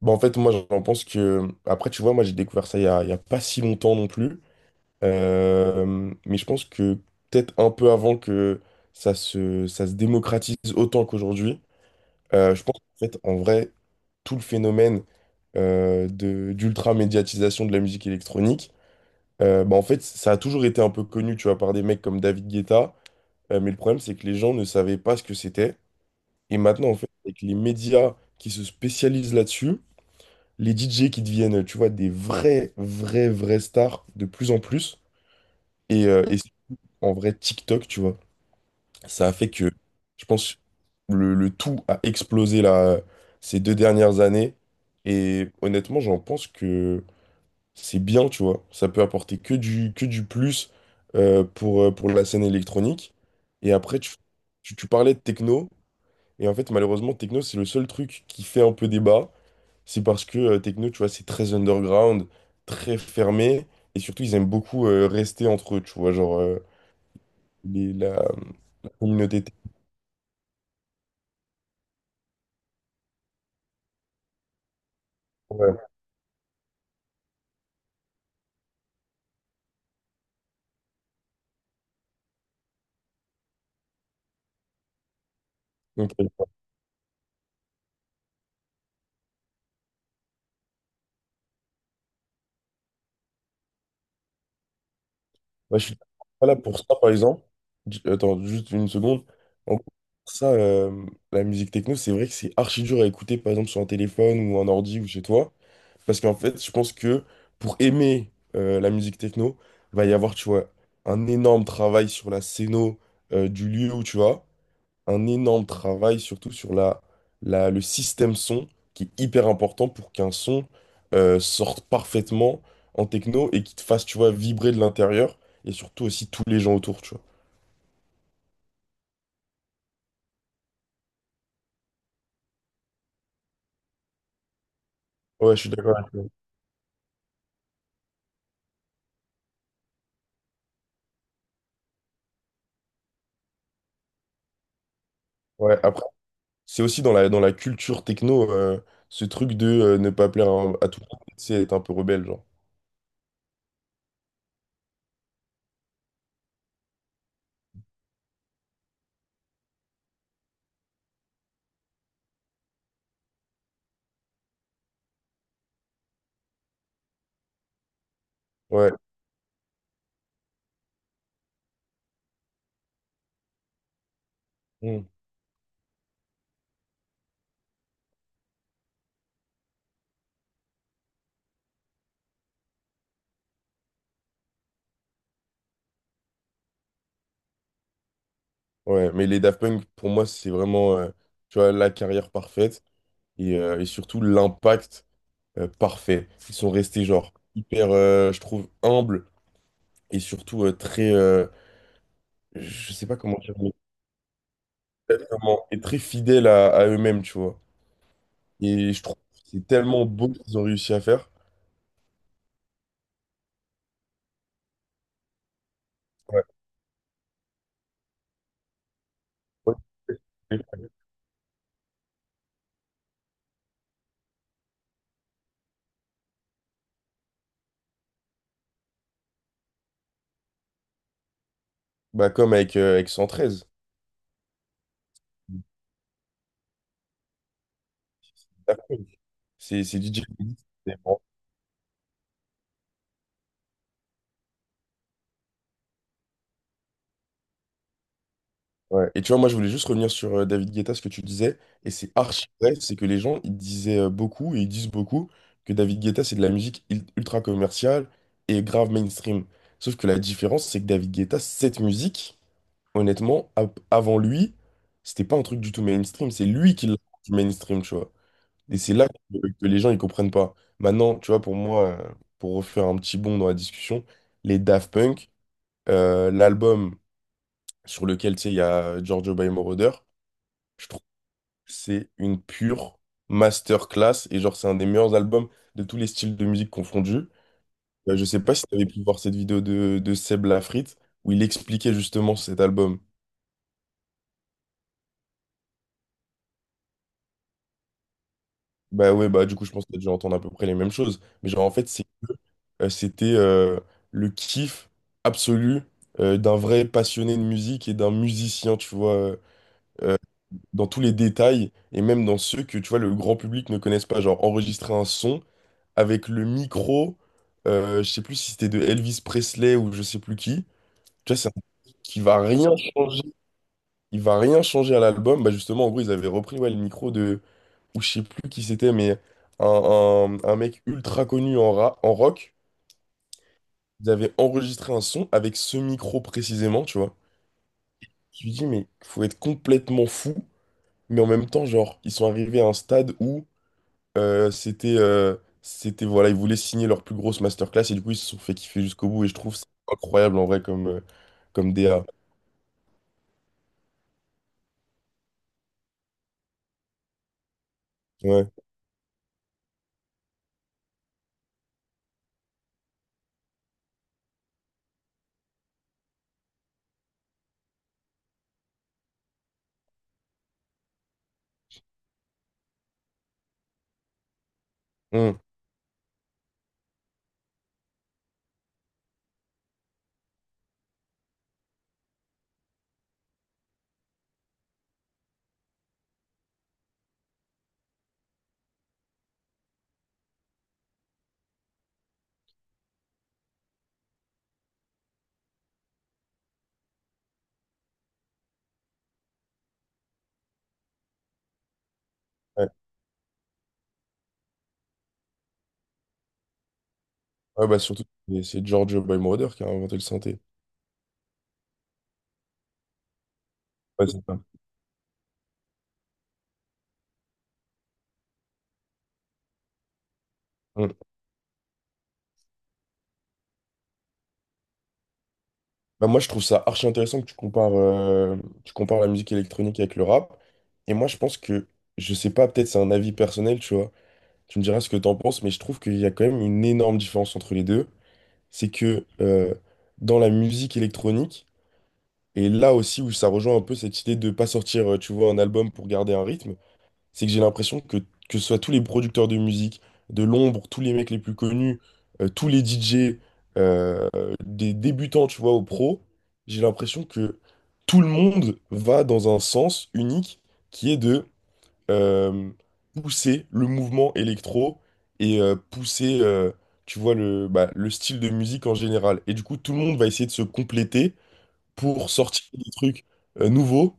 Bah, en fait, moi, j'en pense que… Après, tu vois, moi, j'ai découvert ça il y a pas si longtemps non plus. Mais je pense que peut-être un peu avant que ça se démocratise autant qu'aujourd'hui. Je pense qu'en fait, en vrai, tout le phénomène d'ultra-médiatisation de la musique électronique. Bah, en fait, ça a toujours été un peu connu, tu vois, par des mecs comme David Guetta. Mais le problème, c'est que les gens ne savaient pas ce que c'était. Et maintenant, en fait, avec les médias qui se spécialisent là-dessus, les DJ qui deviennent, tu vois, des vrais, vrais, vrais stars de plus en plus. Et en vrai, TikTok, tu vois, ça a fait que, je pense, le tout a explosé là, ces deux dernières années. Et honnêtement, j'en pense que c'est bien, tu vois. Ça peut apporter que du plus, pour la scène électronique. Et après, tu parlais de techno. Et en fait, malheureusement, techno, c'est le seul truc qui fait un peu débat. C'est parce que techno, tu vois, c'est très underground, très fermé, et surtout, ils aiment beaucoup rester entre eux, tu vois, genre les- la, la communauté techno. Ouais, ok. Ouais, je suis pas là pour ça, par exemple. Attends, juste une seconde. En gros, ça, euh, la musique techno, c'est vrai que c'est archi dur à écouter, par exemple, sur un téléphone ou un ordi ou chez toi, parce qu'en fait, je pense que pour aimer la musique techno, va y avoir, tu vois, un énorme travail sur la scéno du lieu où tu vas. Un énorme travail, surtout sur le système son, qui est hyper important pour qu'un son sorte parfaitement en techno et qui te fasse, tu vois, vibrer de l'intérieur et surtout aussi tous les gens autour, tu vois. Ouais, je suis d'accord. Ouais, après, c'est aussi dans la culture techno, ce truc de ne pas plaire à tout le monde, c'est être un peu rebelle, genre. Ouais. Mm. Ouais, mais les Daft Punk, pour moi, c'est vraiment, tu vois, la carrière parfaite et surtout l'impact parfait. Ils sont restés genre hyper, je trouve, humbles et surtout très, je sais pas comment dire, mais et très fidèles à eux-mêmes, tu vois. Et je trouve que c'est tellement beau ce qu'ils ont réussi à faire. Ouais. Ouais. Bah, comme avec 113. C'est DJ. Ouais. Et tu vois, moi, je voulais juste revenir sur David Guetta, ce que tu disais, et c'est archi vrai, c'est que les gens, ils disaient beaucoup, et ils disent beaucoup, que David Guetta, c'est de la musique ultra commerciale et grave mainstream. Sauf que la différence, c'est que David Guetta, cette musique, honnêtement, avant lui, c'était pas un truc du tout mainstream, c'est lui qui l'a rendu mainstream, tu vois. Et c'est là que les gens, ils comprennent pas. Maintenant, tu vois, pour moi, pour refaire un petit bond dans la discussion, les Daft Punk, l'album sur lequel, tu sais, il y a Giorgio by Moroder, je trouve que c'est une pure masterclass et genre c'est un des meilleurs albums de tous les styles de musique confondus. Je sais pas si tu avais pu voir cette vidéo de Seb Lafrite où il expliquait justement cet album. Bah ouais, bah du coup je pense que tu as dû entendre à peu près les mêmes choses. Mais genre en fait c'est que c'était le kiff absolu, d'un vrai passionné de musique et d'un musicien, tu vois, euh, dans tous les détails et même dans ceux que tu vois le grand public ne connaisse pas, genre enregistrer un son avec le micro, je sais plus si c'était de Elvis Presley ou je sais plus qui. Tu vois, c'est un truc qui va rien changer. Il va rien changer à l'album. Bah justement, en gros, ils avaient repris, ouais, le micro de, ou je sais plus qui c'était, mais un, un mec ultra connu en rock. Ils avaient enregistré un son avec ce micro précisément, tu vois. Je me dis, mais faut être complètement fou. Mais en même temps, genre, ils sont arrivés à un stade où Euh, c'était, euh, voilà, ils voulaient signer leur plus grosse masterclass et du coup, ils se sont fait kiffer jusqu'au bout. Et je trouve ça incroyable en vrai, comme DA. Ouais. Mm. Ouais. Ouais, bah, surtout, c'est George Boymorder qui a inventé le synthé. Ouais, c'est ça. Mm. Bah, moi, je trouve ça archi intéressant que tu compares la musique électronique avec le rap. Et moi, je pense que, je sais pas, peut-être c'est un avis personnel, tu vois. Tu me diras ce que t'en penses, mais je trouve qu'il y a quand même une énorme différence entre les deux. C'est que dans la musique électronique, et là aussi où ça rejoint un peu cette idée de pas sortir, tu vois, un album pour garder un rythme, c'est que j'ai l'impression que ce soit tous les producteurs de musique, de l'ombre, tous les mecs les plus connus, tous les DJ, euh, des débutants, tu vois, aux pros, j'ai l'impression que tout le monde va dans un sens unique qui est de euh, pousser le mouvement électro et pousser, tu vois, le style de musique en général. Et du coup, tout le monde va essayer de se compléter pour sortir des trucs nouveaux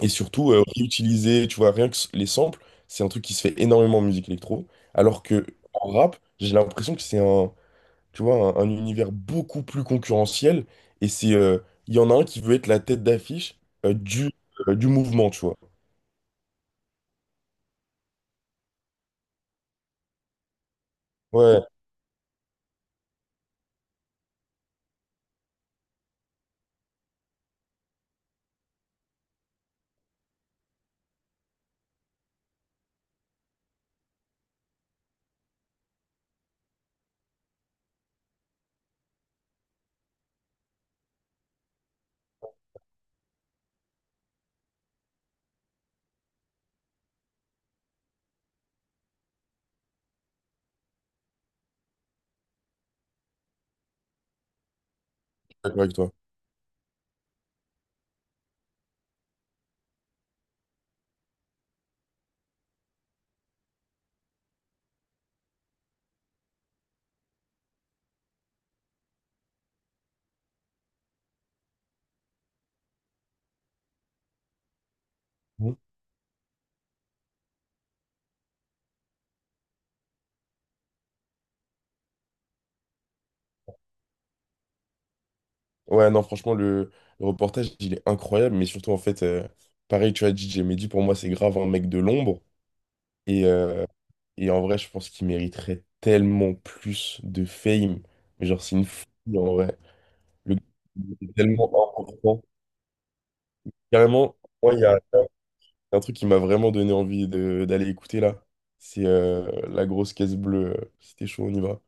et surtout réutiliser, tu vois, rien que les samples, c'est un truc qui se fait énormément en musique électro, alors que en rap, j'ai l'impression que c'est un, tu vois, un univers beaucoup plus concurrentiel et il y en a un qui veut être la tête d'affiche euh, du, du mouvement, tu vois. Ouais, je suis d'accord avec toi. Mhm. Ouais, non, franchement, le reportage, il est incroyable, mais surtout, en fait, pareil, tu as dit, j'ai dit, pour moi, c'est grave un mec de l'ombre. Et, euh, Et en vrai, je pense qu'il mériterait tellement plus de fame. Mais genre, c'est une folie en vrai. Le gars est tellement important. Carrément, moi, il y a un truc qui m'a vraiment donné envie de d'aller écouter là. C'est La Grosse Caisse Bleue. C'était chaud, on y va.